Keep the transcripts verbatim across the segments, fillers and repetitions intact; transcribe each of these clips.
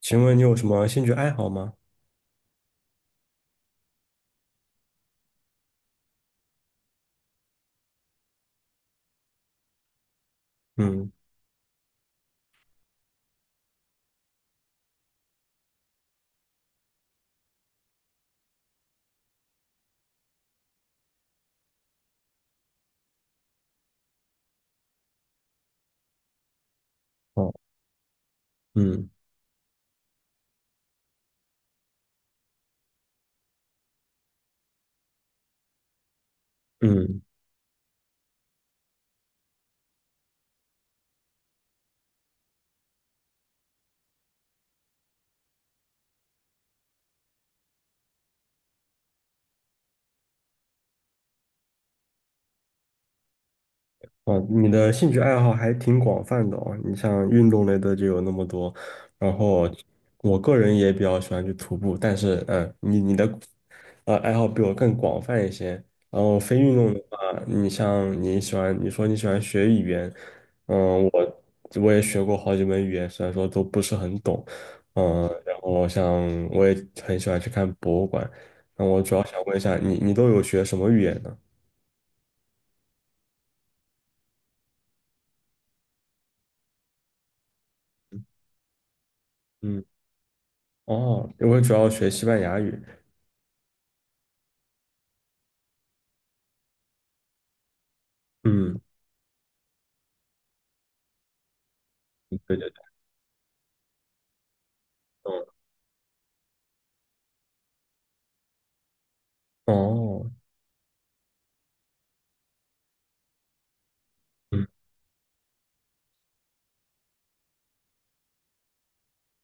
请问你有什么兴趣爱好吗？嗯，好，嗯嗯，哦，你的兴趣爱好还挺广泛的哦。你像运动类的就有那么多，然后我个人也比较喜欢去徒步，但是嗯，呃你你的呃爱好比我更广泛一些。然后非运动的话，你像你喜欢，你说你喜欢学语言，嗯，我我也学过好几门语言，虽然说都不是很懂，嗯，然后像我也很喜欢去看博物馆。那我主要想问一下，你你都有学什么语言呢？嗯，哦，我主要学西班牙语。嗯，对对对，嗯哦，嗯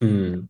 嗯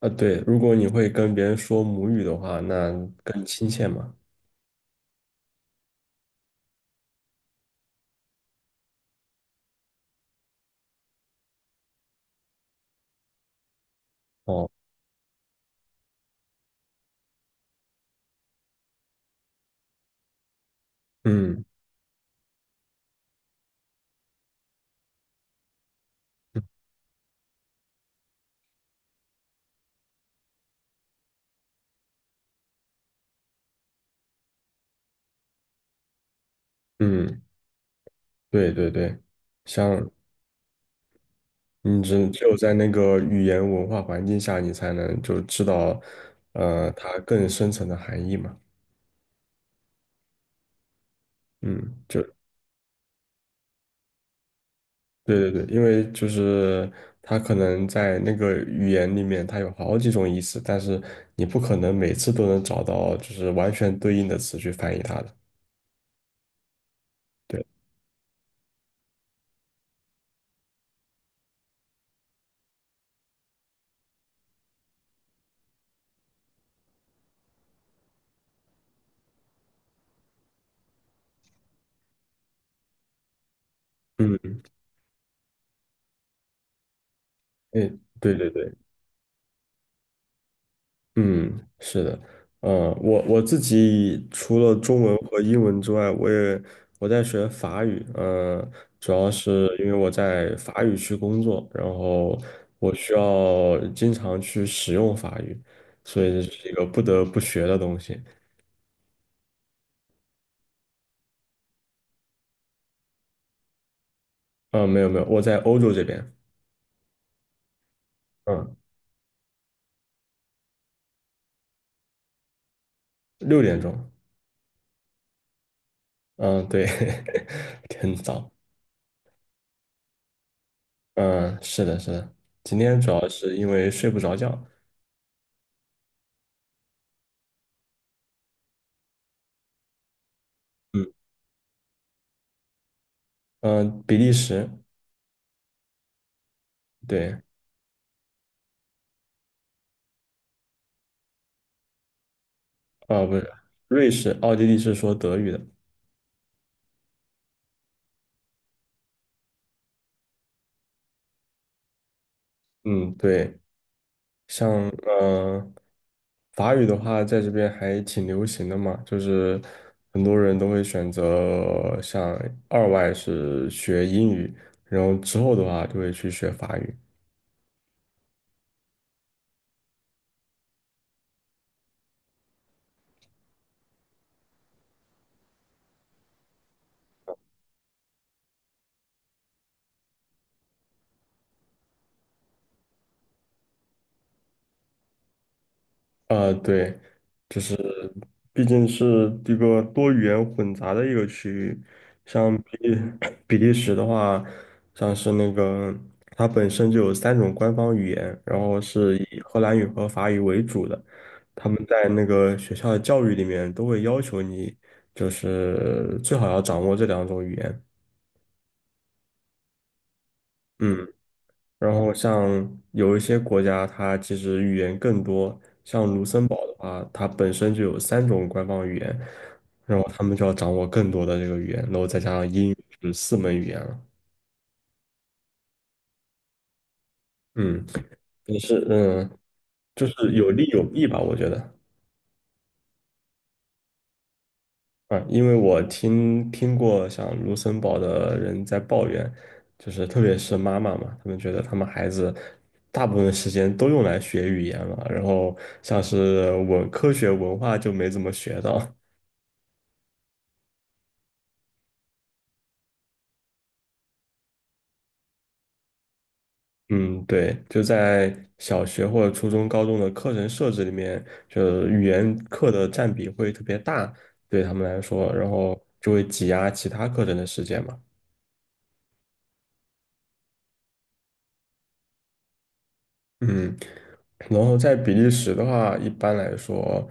啊，对，如果你会跟别人说母语的话，那更亲切嘛。哦，嗯嗯，对对对，像你只只有在那个语言文化环境下，你才能就知道，呃，它更深层的含义嘛。嗯，就对对对，因为就是它可能在那个语言里面，它有好几种意思，但是你不可能每次都能找到就是完全对应的词去翻译它的。对，嗯，哎，对对对，嗯，是的，嗯，我我自己除了中文和英文之外，我也我在学法语，嗯，主要是因为我在法语区工作，然后我需要经常去使用法语，所以这是一个不得不学的东西。嗯、没有没有，我在欧洲这边，嗯，六点钟，嗯，对，很早，嗯，是的，是的，今天主要是因为睡不着觉。嗯。嗯、呃比利时，对，啊、不是，瑞士、奥地利是说德语的，嗯，对，像呃，法语的话，在这边还挺流行的嘛，就是很多人都会选择像二外是学英语，然后之后的话就会去学法语。呃，对，就是毕竟是一个多语言混杂的一个区域，像比 利比利时的话，像是那个它本身就有三种官方语言，然后是以荷兰语和法语为主的，他们在那个学校的教育里面都会要求你，就是最好要掌握这两种语言。嗯，然后像有一些国家，它其实语言更多，像。卢。啊，它本身就有三种官方语言，然后他们就要掌握更多的这个语言，然后再加上英语是四门语言了。嗯，也是，嗯，就是有利有弊吧，我觉得啊，因为我听听过像卢森堡的人在抱怨，就是特别是妈妈嘛，他们觉得他们孩子大部分时间都用来学语言了，然后像是文科学文化就没怎么学到。嗯，对，就在小学或者初中、高中的课程设置里面，就语言课的占比会特别大，对他们来说，然后就会挤压其他课程的时间嘛。嗯。然后在比利时的话，一般来说，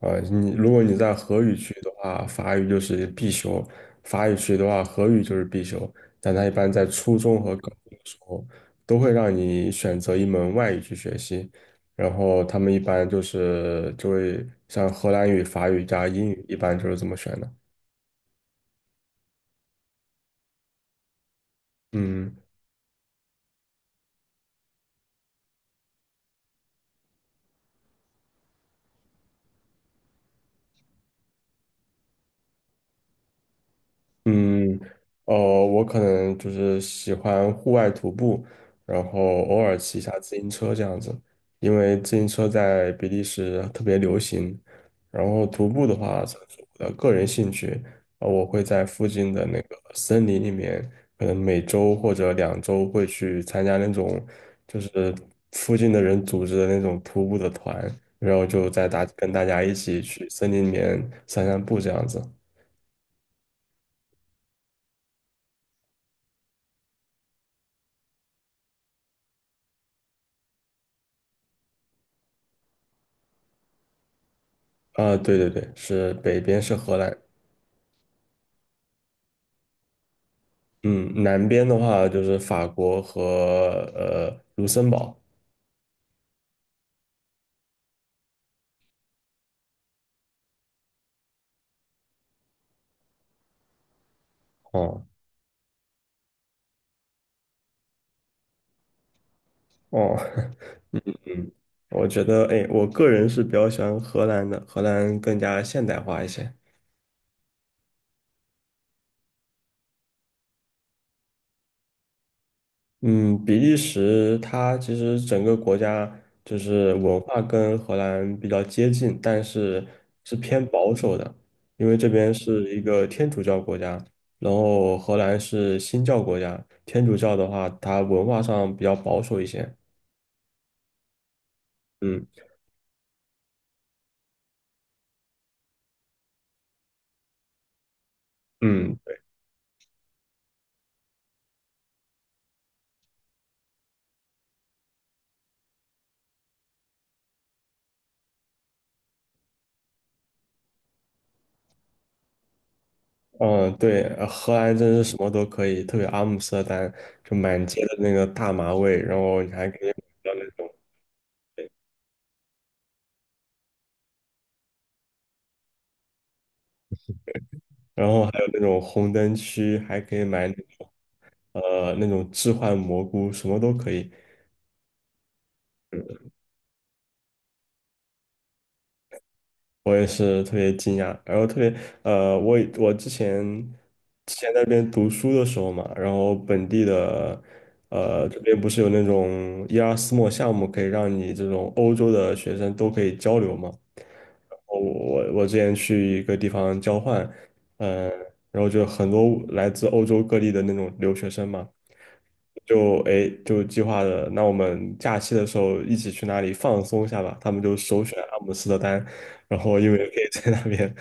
呃，你如果你在荷语区的话，法语就是必修；法语区的话，荷语就是必修。但它一般在初中和高中的时候，都会让你选择一门外语去学习。然后他们一般就是就会像荷兰语、法语加英语，一般就是这么选的。嗯。嗯，哦，我可能就是喜欢户外徒步，然后偶尔骑一下自行车这样子，因为自行车在比利时特别流行。然后徒步的话，这是我的个人兴趣，呃，我会在附近的那个森林里面，可能每周或者两周会去参加那种就是附近的人组织的那种徒步的团，然后就在大跟大家一起去森林里面散散步这样子。啊，对对对，是北边是荷兰，嗯，南边的话就是法国和呃卢森堡。哦哦，嗯，我觉得，哎，我个人是比较喜欢荷兰的，荷兰更加现代化一些。嗯，比利时它其实整个国家就是文化跟荷兰比较接近，但是是偏保守的，因为这边是一个天主教国家，然后荷兰是新教国家，天主教的话，它文化上比较保守一些。嗯嗯嗯，对，呃荷兰真是什么都可以，特别阿姆斯特丹，就满街的那个大麻味，然后你还可以买到那种。然后还有那种红灯区，还可以买那种呃那种置换蘑菇，什么都可以。我也是特别惊讶，然后特别呃，我也我之前之前在那边读书的时候嘛，然后本地的呃这边不是有那种伊拉斯莫项目，可以让你这种欧洲的学生都可以交流嘛。然后我我之前去一个地方交换，嗯、然后就很多来自欧洲各地的那种留学生嘛，就哎就计划的，那我们假期的时候一起去哪里放松一下吧。他们就首选阿姆斯特丹，然后因为可以在那边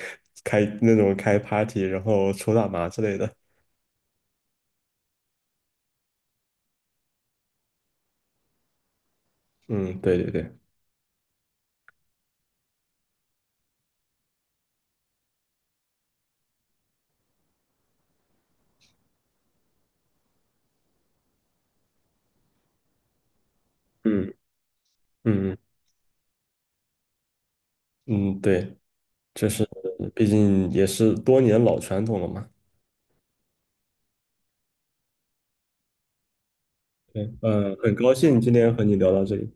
开那种开 party，然后抽大麻之类的。嗯，对对对，嗯，嗯嗯，对，就是毕竟也是多年老传统了嘛。对，嗯，很高兴今天和你聊到这里。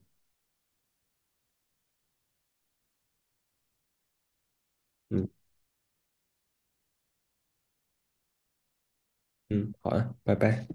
嗯嗯，好啊，拜拜。